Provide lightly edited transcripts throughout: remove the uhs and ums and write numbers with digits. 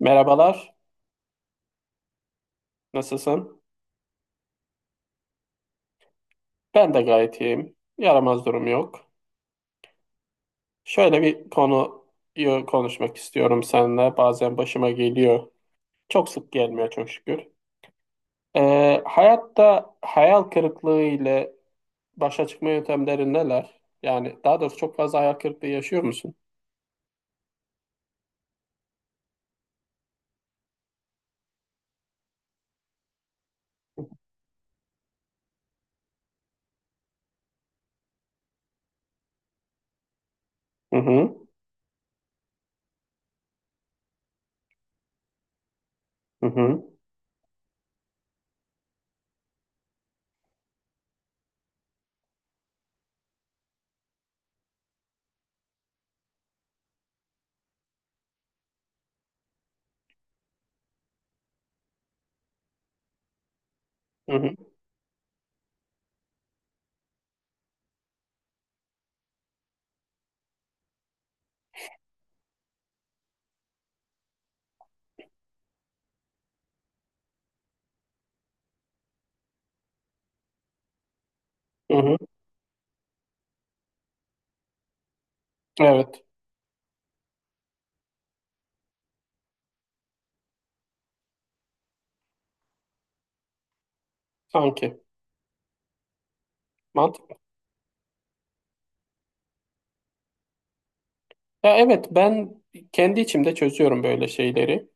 Merhabalar, nasılsın? Ben de gayet iyiyim. Yaramaz durum yok. Şöyle bir konuyu konuşmak istiyorum seninle. Bazen başıma geliyor. Çok sık gelmiyor çok şükür. Hayatta hayal kırıklığı ile başa çıkma yöntemleri neler? Yani daha doğrusu çok fazla hayal kırıklığı yaşıyor musun? Hı hı, hı hı, hı hı, hı hı. Evet, sanki. Mantıklı. Ya evet, ben kendi içimde çözüyorum böyle şeyleri.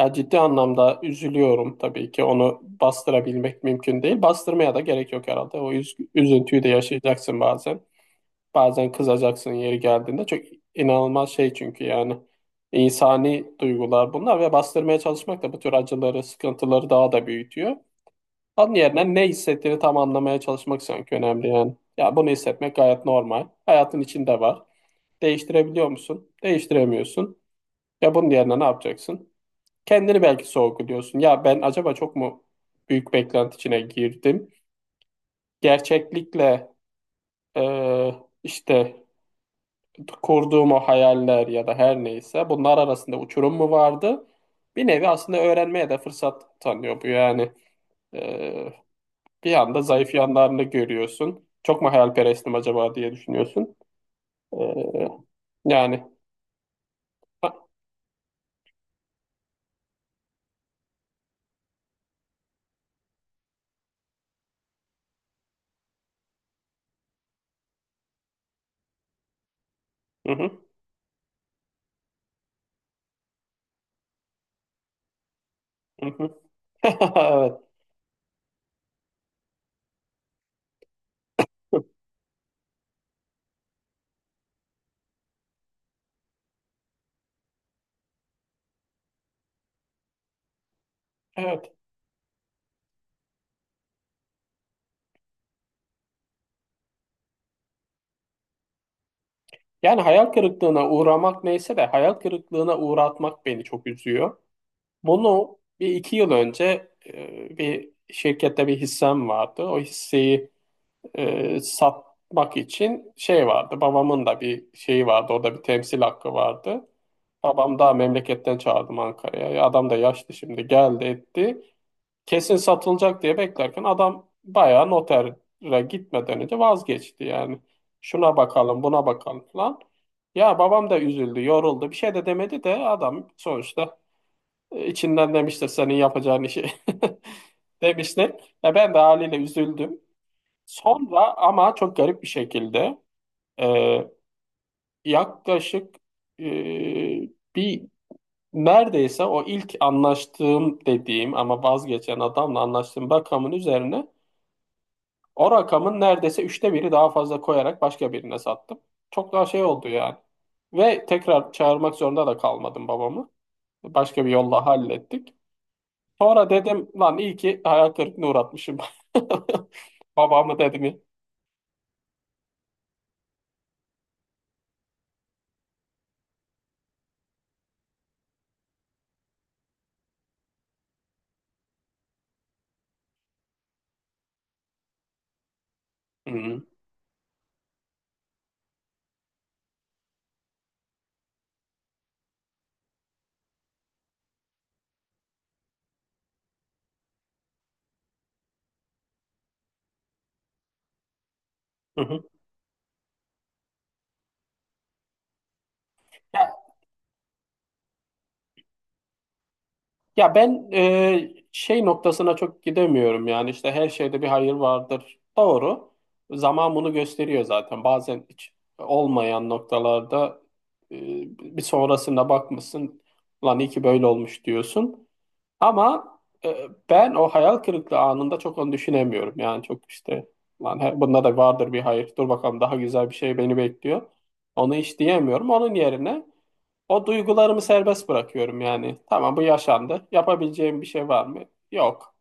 Ya ciddi anlamda üzülüyorum tabii ki. Onu bastırabilmek mümkün değil. Bastırmaya da gerek yok herhalde. O üzüntüyü de yaşayacaksın bazen. Bazen kızacaksın yeri geldiğinde. Çok inanılmaz şey çünkü yani. İnsani duygular bunlar ve bastırmaya çalışmak da bu tür acıları, sıkıntıları daha da büyütüyor. Onun yerine ne hissettiğini tam anlamaya çalışmak sanki önemli yani. Ya bunu hissetmek gayet normal. Hayatın içinde var. Değiştirebiliyor musun? Değiştiremiyorsun. Ya bunun yerine ne yapacaksın? Kendini belki sorguluyorsun. Ya ben acaba çok mu büyük beklenti içine girdim? Gerçeklikle e, işte kurduğum o hayaller ya da her neyse bunlar arasında uçurum mu vardı? Bir nevi aslında öğrenmeye de fırsat tanıyor bu yani. E, Bir anda zayıf yanlarını görüyorsun. Çok mu hayalperestim acaba diye düşünüyorsun. E, Yani. Ha, hı hı, hı hı. Evet, evet. Yani hayal kırıklığına uğramak neyse de hayal kırıklığına uğratmak beni çok üzüyor. Bunu bir iki yıl önce bir şirkette bir hissem vardı. O hisseyi satmak için şey vardı. Babamın da bir şeyi vardı. Orada bir temsil hakkı vardı. Babam daha memleketten çağırdım Ankara'ya. Adam da yaşlı şimdi geldi etti. Kesin satılacak diye beklerken adam bayağı notere gitmeden önce vazgeçti yani. Şuna bakalım buna bakalım falan. Ya babam da üzüldü yoruldu bir şey de demedi de adam sonuçta İçinden demiştir senin yapacağın işi demiştir. Ya ben de haliyle üzüldüm. Sonra ama çok garip bir şekilde e, yaklaşık e, bir neredeyse o ilk anlaştığım dediğim ama vazgeçen adamla anlaştığım rakamın üzerine o rakamın neredeyse üçte biri daha fazla koyarak başka birine sattım. Çok daha şey oldu yani. Ve tekrar çağırmak zorunda da kalmadım babamı. Başka bir yolla hallettik. Sonra dedim lan iyi ki hayal kırıklığına uğratmışım. Babamı dedim ya. Hı hı. Hı hı. Ya, ya ben şey noktasına çok gidemiyorum yani işte her şeyde bir hayır vardır. Doğru. Zaman bunu gösteriyor zaten. Bazen hiç olmayan noktalarda e, bir sonrasına bakmışsın. Lan iyi ki böyle olmuş diyorsun. Ama ben o hayal kırıklığı anında çok onu düşünemiyorum. Yani çok işte lan bunda da vardır bir hayır. Dur bakalım daha güzel bir şey beni bekliyor. Onu hiç diyemiyorum. Onun yerine o duygularımı serbest bırakıyorum yani. Tamam bu yaşandı. Yapabileceğim bir şey var mı? Yok.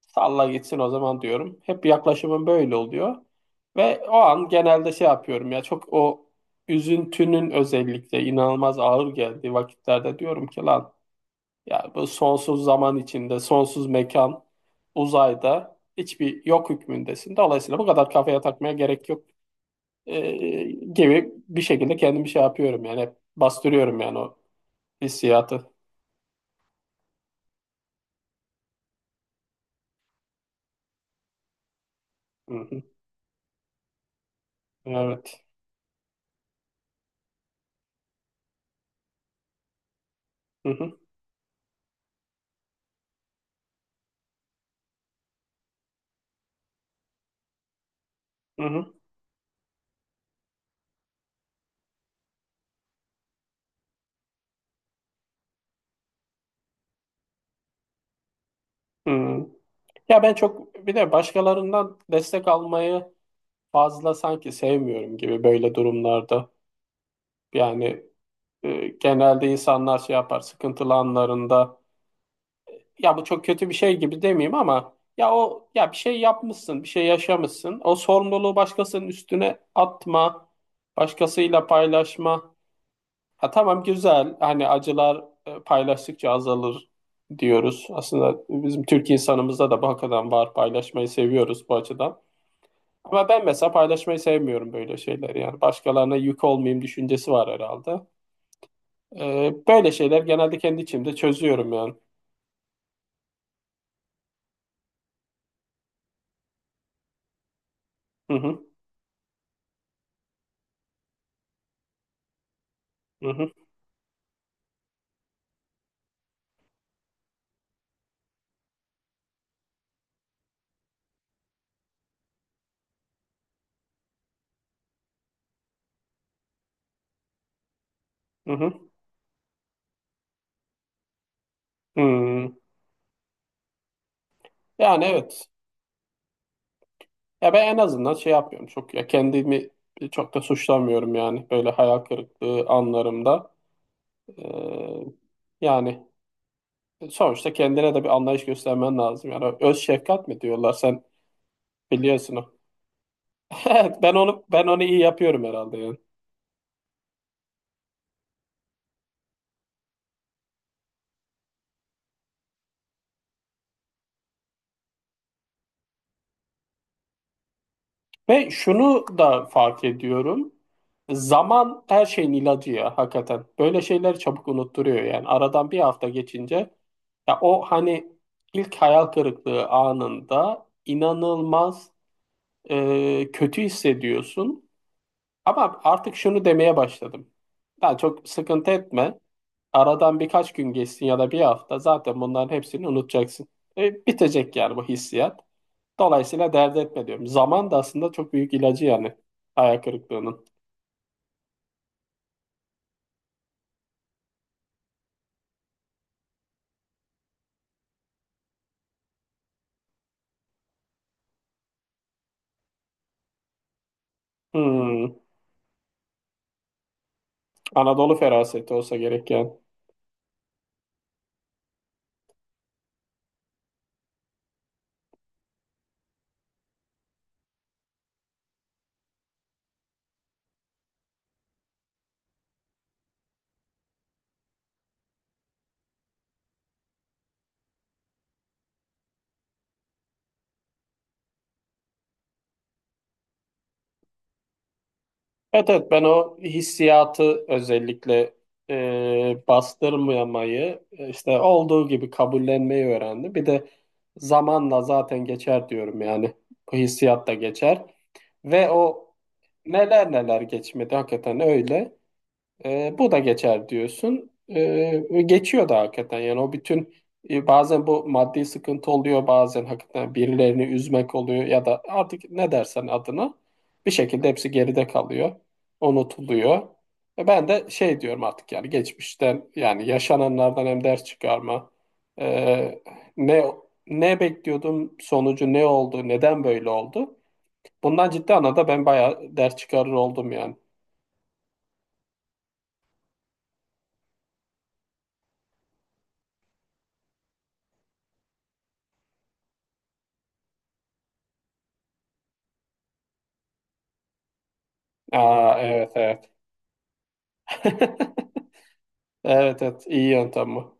Salla gitsin o zaman diyorum. Hep yaklaşımım böyle oluyor. Ve o an genelde şey yapıyorum ya çok o üzüntünün özellikle inanılmaz ağır geldiği vakitlerde diyorum ki lan yani bu sonsuz zaman içinde, sonsuz mekan, uzayda hiçbir yok hükmündesin. Dolayısıyla bu kadar kafaya takmaya gerek yok ee, gibi bir şekilde kendimi şey yapıyorum yani hep bastırıyorum yani o hissiyatı. Hı hı. Evet. Hı hı. Hı hı. Hı. Ya ben çok bir de başkalarından destek almayı fazla sanki sevmiyorum gibi böyle durumlarda. Yani genelde insanlar şey yapar sıkıntılı anlarında ya bu çok kötü bir şey gibi demeyeyim ama ya o ya bir şey yapmışsın, bir şey yaşamışsın. O sorumluluğu başkasının üstüne atma, başkasıyla paylaşma. Ha tamam güzel. Hani acılar paylaştıkça azalır diyoruz. Aslında bizim Türk insanımızda da bu hakikaten var. Paylaşmayı seviyoruz bu açıdan. Ama ben mesela paylaşmayı sevmiyorum böyle şeyler yani. Başkalarına yük olmayayım düşüncesi var herhalde. Böyle şeyler genelde kendi içimde çözüyorum yani. Hı hı, hı hı, hı hı. Hı. Yani evet. Ya ben en azından şey yapmıyorum. Çok ya kendimi çok da suçlamıyorum yani böyle hayal kırıklığı anlarımda. Ee, Yani sonuçta kendine de bir anlayış göstermen lazım. Yani öz şefkat mi diyorlar sen biliyorsun o. Evet, ben onu ben onu iyi yapıyorum herhalde yani. Ve şunu da fark ediyorum. Zaman her şeyin ilacı ya hakikaten. Böyle şeyler çabuk unutturuyor yani. Aradan bir hafta geçince ya o hani ilk hayal kırıklığı anında inanılmaz kötü hissediyorsun. Ama artık şunu demeye başladım. Ya çok sıkıntı etme. Aradan birkaç gün geçsin ya da bir hafta zaten bunların hepsini unutacaksın. Bitecek yani bu hissiyat. Dolayısıyla dert etme diyorum. Zaman da aslında çok büyük ilacı yani hayal kırıklığının. Hmm, Anadolu feraseti olsa gerek yani. Evet, evet ben o hissiyatı özellikle bastırmayamayı işte olduğu gibi kabullenmeyi öğrendim. Bir de zamanla zaten geçer diyorum yani bu hissiyat da geçer ve o neler neler geçmedi hakikaten öyle. Bu da geçer diyorsun. Ve geçiyor da hakikaten. Yani o bütün bazen bu maddi sıkıntı oluyor, bazen hakikaten birilerini üzmek oluyor ya da artık ne dersen adına bir şekilde hepsi geride kalıyor, unutuluyor. Ben de şey diyorum artık yani geçmişten yani yaşananlardan hem ders çıkarma. E, ne ne bekliyordum sonucu ne oldu, neden böyle oldu? Bundan ciddi anlamda ben bayağı ders çıkarır oldum yani. Aa evet evet. Evet evet iyi yöntem bu.